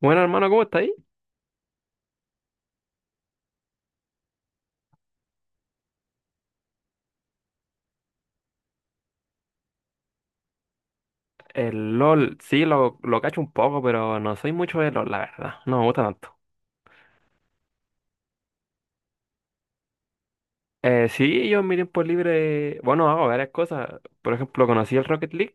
Bueno, hermano, ¿cómo está ahí? El LOL, sí, lo cacho un poco, pero no soy mucho de LOL, la verdad. No me gusta tanto. Sí, yo en mi tiempo libre, bueno, hago varias cosas. Por ejemplo, conocí el Rocket League.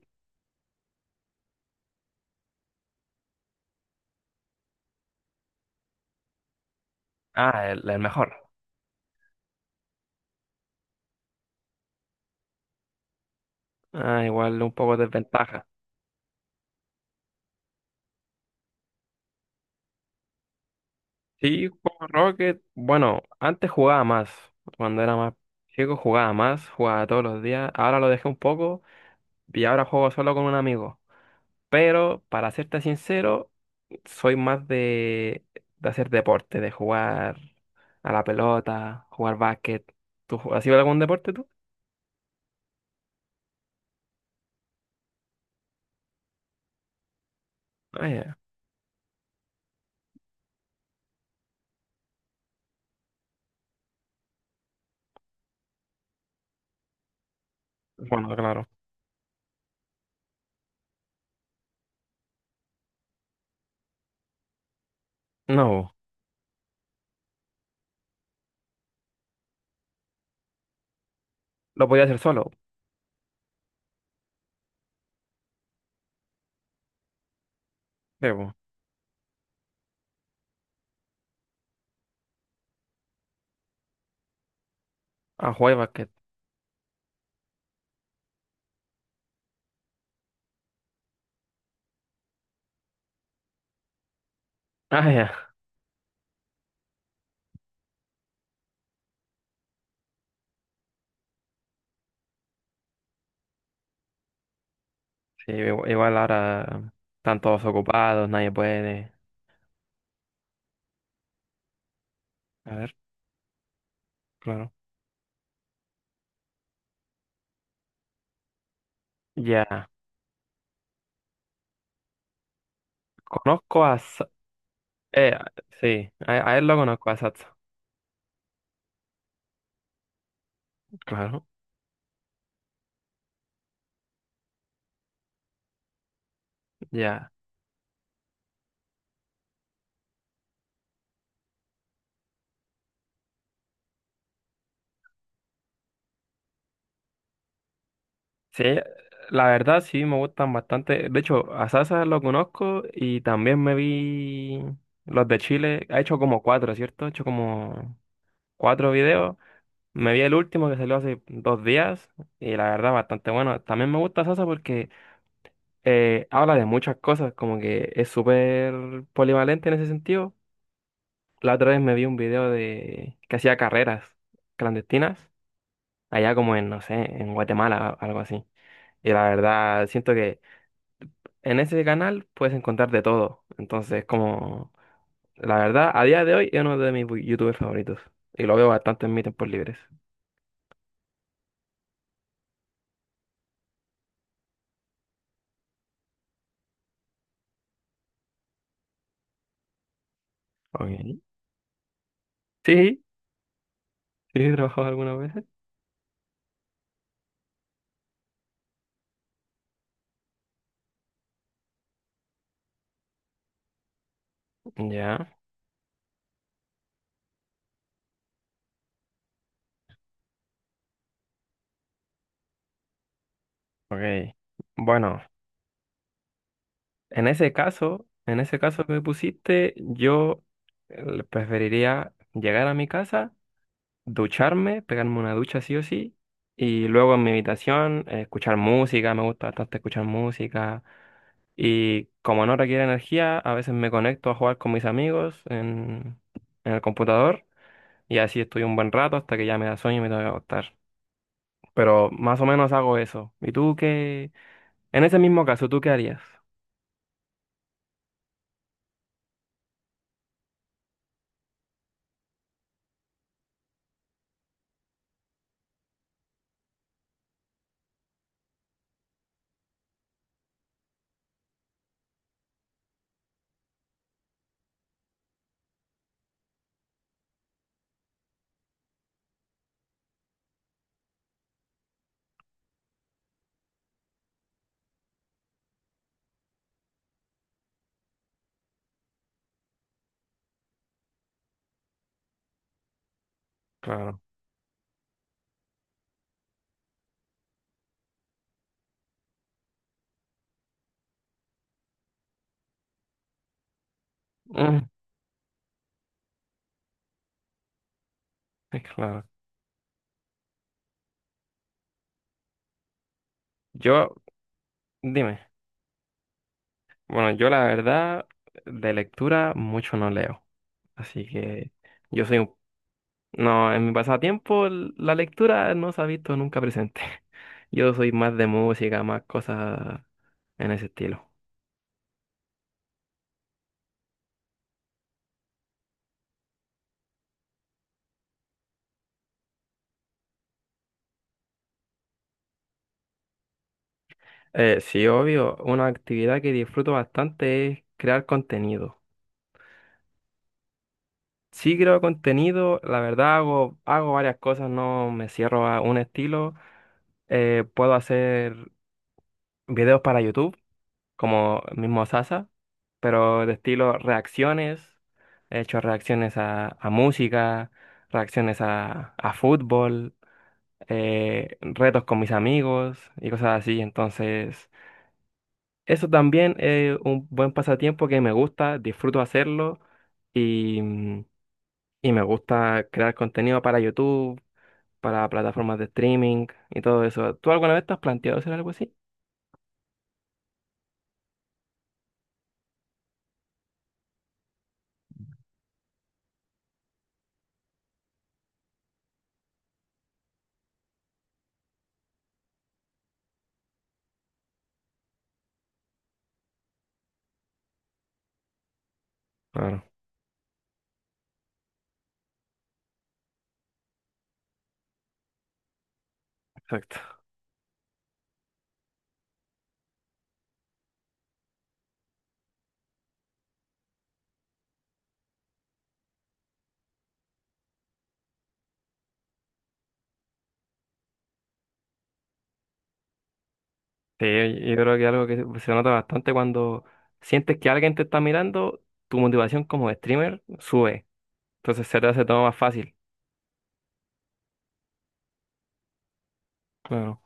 Ah, el mejor. Ah, igual un poco de desventaja. Sí, juego Rocket. Bueno, antes jugaba más. Cuando era más chico jugaba más, jugaba todos los días. Ahora lo dejé un poco y ahora juego solo con un amigo. Pero para serte sincero, soy más de hacer deporte, de jugar a la pelota, jugar básquet. Has ido a algún deporte tú? Ah, ya. Bueno, claro. No, lo podía hacer solo. Debo. A jugar básquet. Ah, ya. Sí, igual ahora están todos ocupados, nadie puede. A ver, claro. Ya. Conozco a... Eh, sí, a él lo conozco, a Satsu. Claro. Ya. Sí, la verdad sí me gustan bastante. De hecho, a Sasa lo conozco y también me vi los de Chile. Ha hecho como cuatro, ¿cierto? Ha hecho como cuatro videos. Me vi el último que salió hace dos días y la verdad bastante bueno. También me gusta Sasa porque habla de muchas cosas, como que es súper polivalente en ese sentido. La otra vez me vi un video de que hacía carreras clandestinas, allá como en, no sé, en Guatemala, algo así. Y la verdad siento que en ese canal puedes encontrar de todo. Entonces, como la verdad, a día de hoy es uno de mis youtubers favoritos. Y lo veo bastante en mis tiempos libres. Ok. Sí, sí, he trabajado algunas veces. Ya. Ok. Bueno, en ese caso que me pusiste, yo preferiría llegar a mi casa, ducharme, pegarme una ducha sí o sí, y luego en mi habitación escuchar música, me gusta bastante escuchar música. Y como no requiere energía, a veces me conecto a jugar con mis amigos en el computador y así estoy un buen rato hasta que ya me da sueño y me tengo que acostar. Pero más o menos hago eso. ¿Y tú qué? En ese mismo caso, ¿tú qué harías? Claro. Mm, es claro. Yo, dime. Bueno, yo la verdad, de lectura mucho no leo. Así que yo soy un... No, en mi pasatiempo la lectura no se ha visto nunca presente. Yo soy más de música, más cosas en ese estilo. Sí, obvio, una actividad que disfruto bastante es crear contenido. Sí creo contenido, la verdad hago, hago varias cosas, no me cierro a un estilo. Puedo hacer videos para YouTube, como el mismo Sasa, pero de estilo reacciones. He hecho reacciones a música, reacciones a fútbol, retos con mis amigos y cosas así. Entonces, eso también es un buen pasatiempo que me gusta, disfruto hacerlo y, mm, y me gusta crear contenido para YouTube, para plataformas de streaming y todo eso. ¿Tú alguna vez te has planteado hacer algo así? Claro, exacto. Sí, yo creo que algo que se nota bastante cuando sientes que alguien te está mirando, tu motivación como streamer sube. Entonces se te hace todo más fácil. Bueno,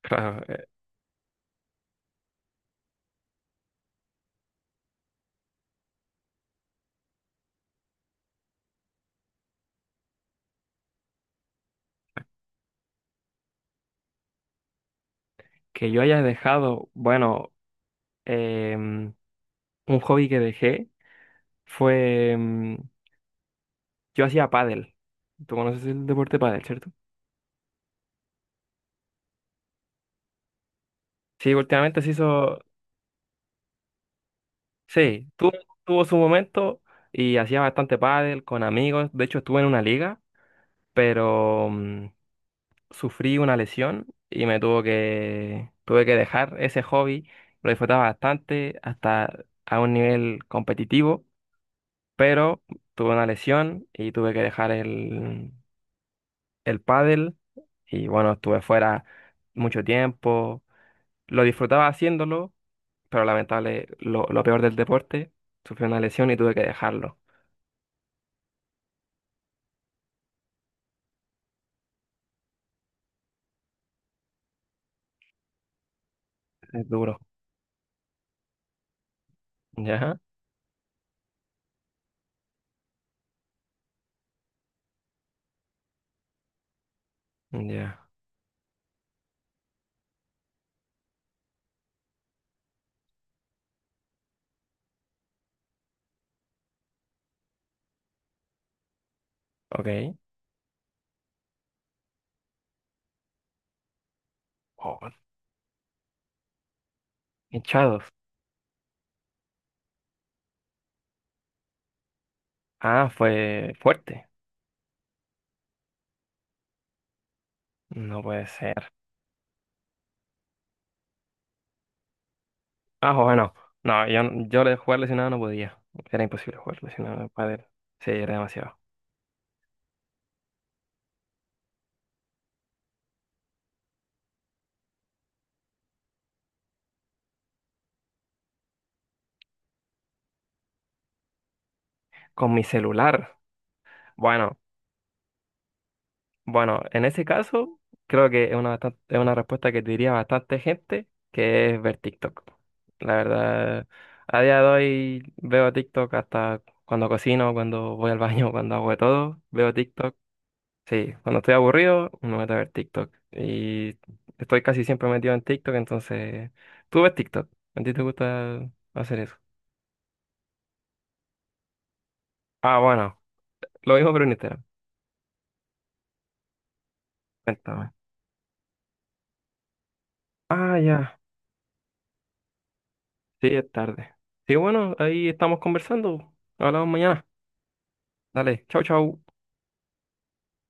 claro, que yo haya dejado, bueno, em, un hobby que dejé fue, yo hacía pádel. ¿Tú conoces el deporte pádel, cierto? Sí, últimamente se hizo, sí, tuvo, tuvo su momento y hacía bastante pádel con amigos. De hecho, estuve en una liga, pero... sufrí una lesión y me tuvo que, tuve que dejar ese hobby. Lo disfrutaba bastante hasta a un nivel competitivo, pero tuve una lesión y tuve que dejar el pádel y bueno, estuve fuera mucho tiempo. Lo disfrutaba haciéndolo, pero lamentable, lo peor del deporte, sufrí una lesión y tuve que dejarlo. Es duro. Ya, ya, ok. Oh, hinchados. Ah, fue fuerte. No puede ser. Ah, joder, no. No, jugar lesionado no podía. Era imposible jugar lesionado de pádel. Sí, era demasiado. Con mi celular. Bueno, bueno, en ese caso, creo que es una, es una respuesta que diría bastante gente, que es ver TikTok. La verdad, a día de hoy veo TikTok hasta cuando cocino, cuando voy al baño, cuando hago de todo. Veo TikTok. Sí, cuando estoy aburrido, me meto a ver TikTok. Y estoy casi siempre metido en TikTok, entonces... ¿Tú ves TikTok? ¿A ti te gusta hacer eso? Ah, bueno, lo mismo pero en Instagram. Cuéntame. Ah, ya. Sí, es tarde. Sí, bueno, ahí estamos conversando. Hablamos mañana. Dale, chau, chau.